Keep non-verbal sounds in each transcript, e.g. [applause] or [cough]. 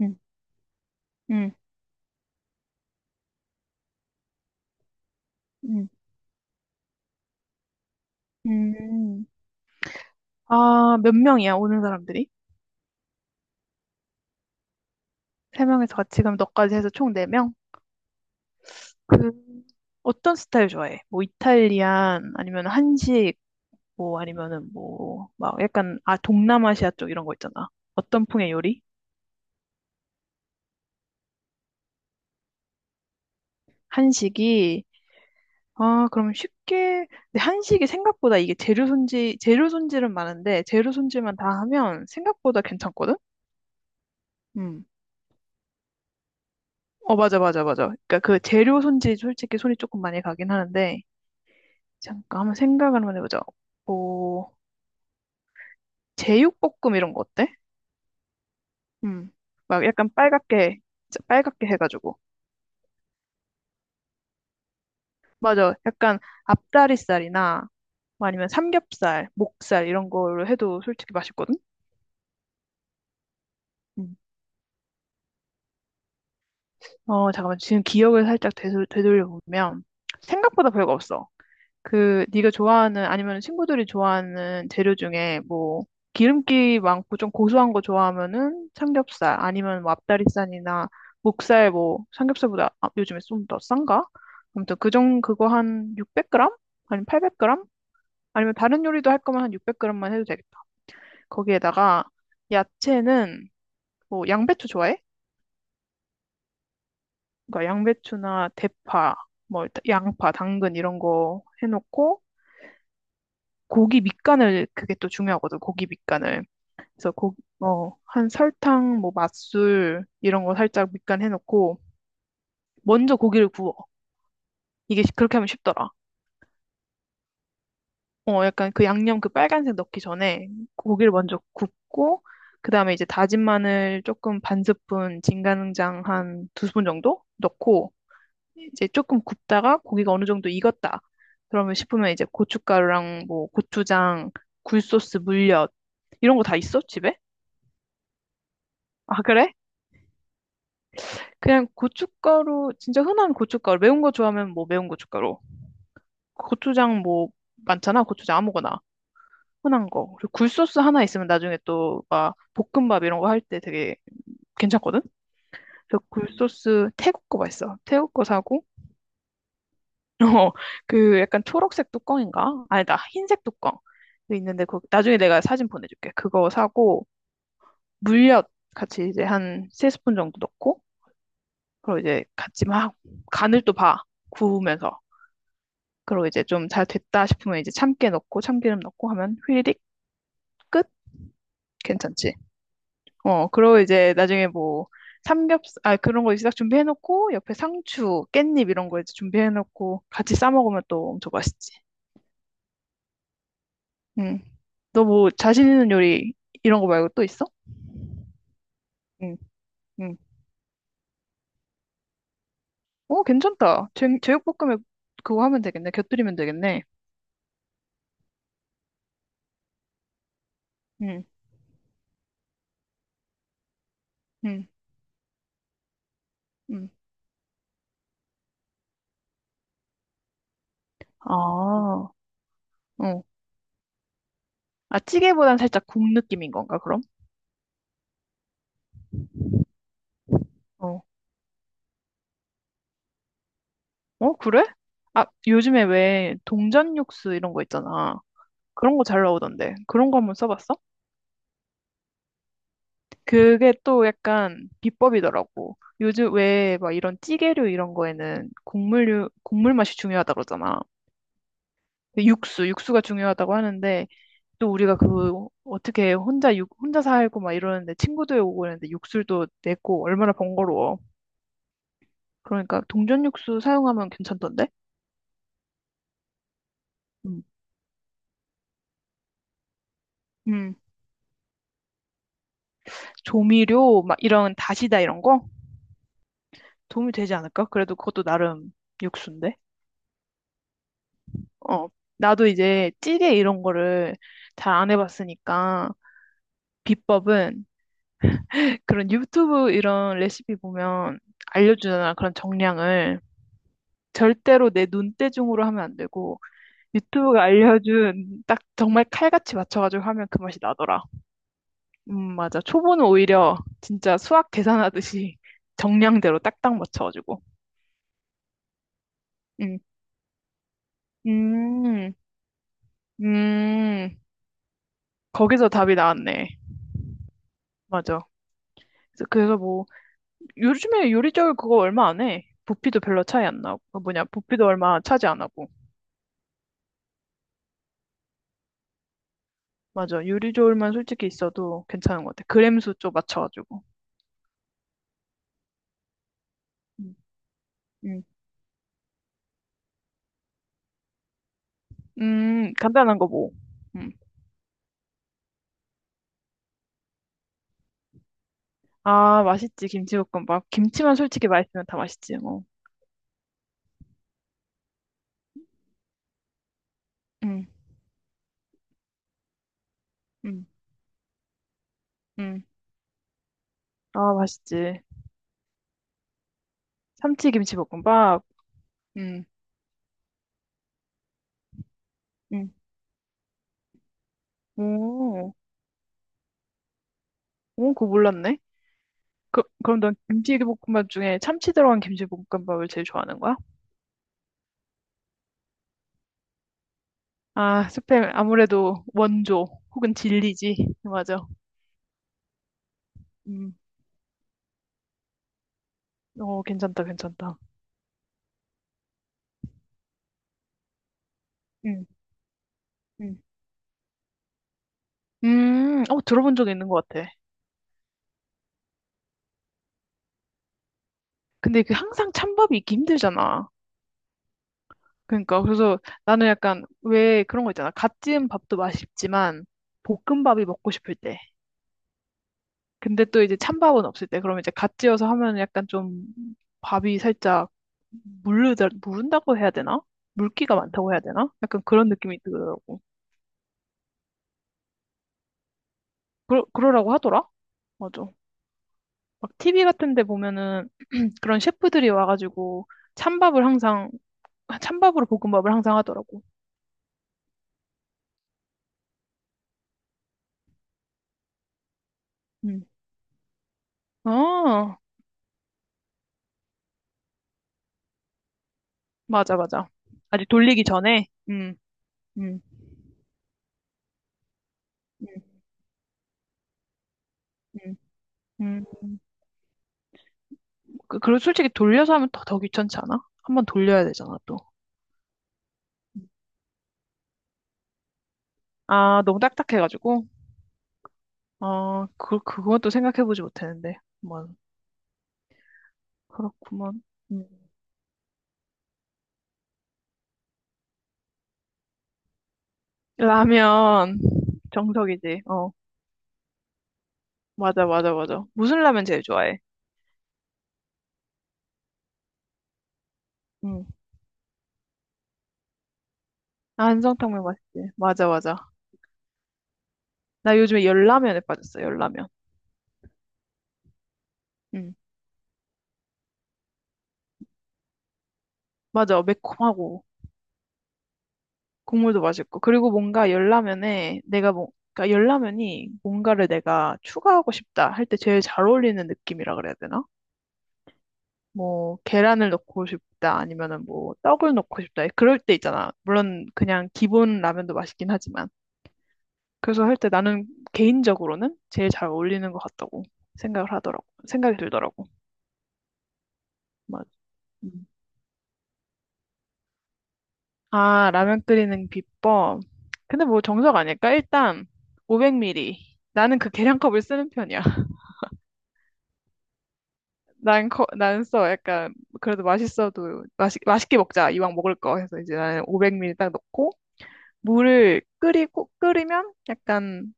응, 응, 응, 응. 아, 몇 명이야, 오는 사람들이? 3명에서 같이, 그럼 너까지 해서 총 4명? 그 어떤 스타일 좋아해? 뭐 이탈리안 아니면 한식, 뭐 아니면은 뭐 막 약간 아 동남아시아 쪽 이런 거 있잖아. 어떤 풍의 요리? 한식이. 아, 그럼 쉽게. 근데 한식이 생각보다 이게 재료 손질은 많은데 재료 손질만 다 하면 생각보다 괜찮거든? 응. 어, 맞아, 맞아, 맞아. 그러니까 그 재료 손질이 솔직히 손이 조금 많이 가긴 하는데. 잠깐 한번 생각을 한번 해보자. 뭐 제육볶음 이런 거 어때? 음, 막 약간 빨갛게, 진짜 빨갛게 해가지고. 맞아. 약간 앞다리살이나, 뭐 아니면 삼겹살, 목살 이런 걸로 해도 솔직히 맛있거든? 음. 어, 잠깐만. 지금 기억을 살짝 되돌려보면, 생각보다 별거 없어. 그 네가 좋아하는, 아니면 친구들이 좋아하는 재료 중에 뭐 기름기 많고 좀 고소한 거 좋아하면은 삼겹살, 아니면 뭐 앞다리살이나 목살, 뭐 삼겹살보다 아, 요즘에 좀 더 싼가? 아무튼 그정 그거 한 600g? 아니면 800g? 아니면 다른 요리도 할 거면 한 600g만 해도 되겠다. 거기에다가 야채는 뭐 양배추 좋아해? 그러니까 양배추나 대파, 뭐 일단 양파, 당근 이런 거 해놓고 고기 밑간을, 그게 또 중요하거든. 고기 밑간을. 그래서 한 설탕, 뭐 맛술 이런 거 살짝 밑간 해놓고 먼저 고기를 구워. 이게 그렇게 하면 쉽더라. 어, 약간 그 양념, 그 빨간색 넣기 전에 고기를 먼저 굽고 그다음에 이제 다진 마늘 조금 반 스푼, 진간장 한 두 스푼 정도 넣고 이제 조금 굽다가 고기가 어느 정도 익었다, 그러면 싶으면 이제 고춧가루랑 뭐 고추장, 굴소스, 물엿 이런 거 다 있어? 집에? 아, 그래? 그냥 고춧가루, 진짜 흔한 고춧가루. 매운 거 좋아하면 뭐 매운 고춧가루. 고추장 뭐 많잖아. 고추장 아무거나. 흔한 거. 그리고 굴소스 하나 있으면 나중에 또 막 볶음밥 이런 거 할 때 되게 괜찮거든? 그래서 굴소스 태국 거 맛있어. 태국 거 사고, [laughs] 어, 그 약간 초록색 뚜껑인가? 아니다. 흰색 뚜껑. 그 있는데, 그 나중에 내가 사진 보내줄게. 그거 사고, 물엿 같이 이제 한 세 스푼 정도 넣고, 그리고 이제 같이 막 간을 또 봐. 구우면서. 그리고 이제 좀 잘 됐다 싶으면 이제 참깨 넣고 참기름 넣고 하면 휘리릭 끝? 괜찮지? 어, 그리고 이제 나중에 뭐 삼겹살, 아, 그런 거 이제 딱 준비해놓고 옆에 상추, 깻잎 이런 거 이제 준비해놓고 같이 싸 먹으면 또 엄청 맛있지. 응. 너 뭐 자신 있는 요리 이런 거 말고 또 있어? 응, 응. 어, 괜찮다. 제육볶음에 그거 하면 되겠네. 곁들이면 되겠네. 응, 응, 응. 아, 어. 아, 찌개보단 살짝 국 느낌인 건가, 그럼? 어. 어, 그래? 아, 요즘에 왜 동전 육수 이런 거 있잖아. 그런 거 잘 나오던데. 그런 거 한번 써봤어? 그게 또 약간 비법이더라고. 요즘 왜 막 이런 찌개류 이런 거에는 국물류, 국물 맛이 중요하다 그러잖아. 근데 육수가 중요하다고 하는데 또 우리가 그 어떻게 혼자 살고 막 이러는데 친구들 오고 그러는데 육수도 내고 얼마나 번거로워. 그러니까 동전 육수 사용하면 괜찮던데? 음. 음. 조미료 막 이런 다시다 이런 거? 도움이 되지 않을까? 그래도 그것도 나름 육수인데. 어. 나도 이제 찌개 이런 거를 잘 안 해봤으니까 비법은 그런 유튜브 이런 레시피 보면 알려주잖아, 그런 정량을. 절대로 내 눈대중으로 하면 안 되고 유튜브가 알려준 딱 정말 칼같이 맞춰가지고 하면 그 맛이 나더라. 맞아. 초보는 오히려 진짜 수학 계산하듯이 [laughs] 정량대로 딱딱 맞춰가지고. 음, 음, 음. 거기서 답이 나왔네. 맞아. 그래서 뭐 요즘에 요리조리 그거 얼마 안 해. 부피도 별로 차이 안 나고, 그 뭐냐, 부피도 얼마 차지 안 하고. 맞아, 요리조리만 솔직히 있어도 괜찮은 것 같아. 그램수 좀 맞춰가지고. 음, 음, 간단한 거 뭐. 음. 아, 맛있지, 김치볶음밥. 김치만 솔직히 맛있으면 다 맛있지 뭐. 음, 음, 음. 아 맛있지. 참치 김치볶음밥. 음, 음. 오, 오 그거 몰랐네. 그럼 넌 김치볶음밥 중에 참치 들어간 김치볶음밥을 제일 좋아하는 거야? 아, 스팸 아무래도 원조 혹은 진리지. 맞아. 음. 어, 괜찮다, 괜찮다. 음, 음. 어, 들어본 적 있는 것 같아. 근데 그 항상 찬밥이 있기 힘들잖아. 그러니까 그래서 나는 약간 왜 그런 거 있잖아, 갓 지은 밥도 맛있지만 볶음밥이 먹고 싶을 때. 근데 또 이제 찬밥은 없을 때. 그러면 이제 갓 지어서 하면 약간 좀 밥이 살짝 물르다 무른다고 해야 되나? 물기가 많다고 해야 되나? 약간 그런 느낌이 들더라고. 그러라고 하더라. 맞아. 막 TV 같은 데 보면은 그런 셰프들이 와가지고 찬밥을 항상, 찬밥으로 볶음밥을 항상 하더라고. 음. 어, 맞아, 맞아. 아직 돌리기 전에? 음, 음, 음. 음. 그리고 솔직히 돌려서 하면 더 귀찮지 않아? 한번 돌려야 되잖아, 또. 아, 너무 딱딱해가지고. 아, 그것도 생각해보지 못했는데. 뭐, 그렇구먼. 음. 라면, 정석이지. 어, 맞아, 맞아, 맞아. 무슨 라면 제일 좋아해? 음. 안성탕면 맛있지. 맞아, 맞아. 나 요즘에 열라면에 빠졌어, 열라면. 응. 맞아, 매콤하고, 국물도 맛있고. 그리고 뭔가 열라면에 내가 뭐, 그러니까 열라면이 뭔가를 내가 추가하고 싶다 할 때 제일 잘 어울리는 느낌이라 그래야 되나? 뭐, 계란을 넣고 싶다, 아니면은 뭐, 떡을 넣고 싶다. 그럴 때 있잖아. 물론 그냥 기본 라면도 맛있긴 하지만. 그래서 할 때 나는 개인적으로는 제일 잘 어울리는 것 같다고 생각을 하더라고. 생각이 들더라고. 맞아. 음. 아, 라면 끓이는 비법. 근데 뭐 정석 아닐까? 일단 500ml. 나는 그 계량컵을 쓰는 편이야. [laughs] 난 써. 약간 그래도 맛있어도 맛있게 먹자. 이왕 먹을 거 해서 이제 나는 500ml 딱 넣고 물을 끓이고, 끓이면 약간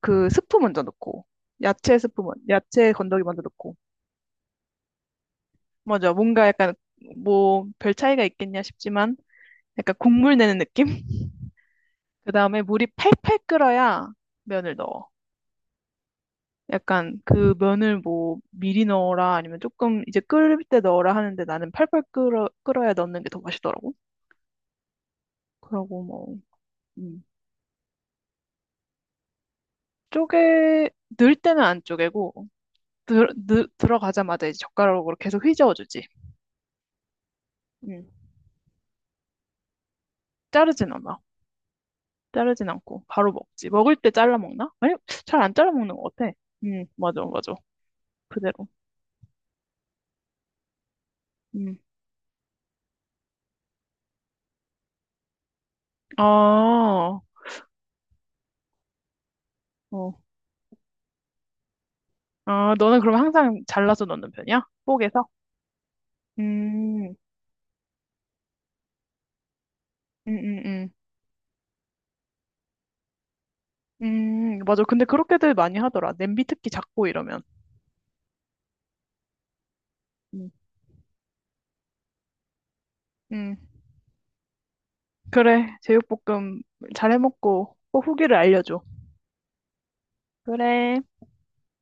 그 스프 먼저 넣고 야채 스프 먼 야채 건더기 먼저 넣고 먼저 뭔가 약간, 뭐 별 차이가 있겠냐 싶지만 약간 국물 내는 느낌? [laughs] 그 다음에 물이 팔팔 끓어야 면을 넣어. 약간 그 면을 뭐 미리 넣어라 아니면 조금 이제 끓일 때 넣어라 하는데 나는 팔팔 끓어야 넣는 게 더 맛있더라고. 그러고 뭐, 음. 쪼개, 넣을 때는 안 쪼개고, 들어가자마자 이제 젓가락으로 계속 휘저어주지. 음. 자르진 않아. 자르진 않고, 바로 먹지. 먹을 때 잘라 먹나? 아니, 잘 안 잘라 먹는 것 같아. 맞아, 맞아. 그대로. 음. 아, 어. 아, 너는 그럼 항상 잘라서 넣는 편이야? 뽀개서? 음, 음, 음, 음. 맞아. 근데 그렇게들 많이 하더라. 냄비 특히 작고 이러면. 음, 음. 그래. 제육볶음 잘 해먹고 꼭 후기를 알려줘. 그래.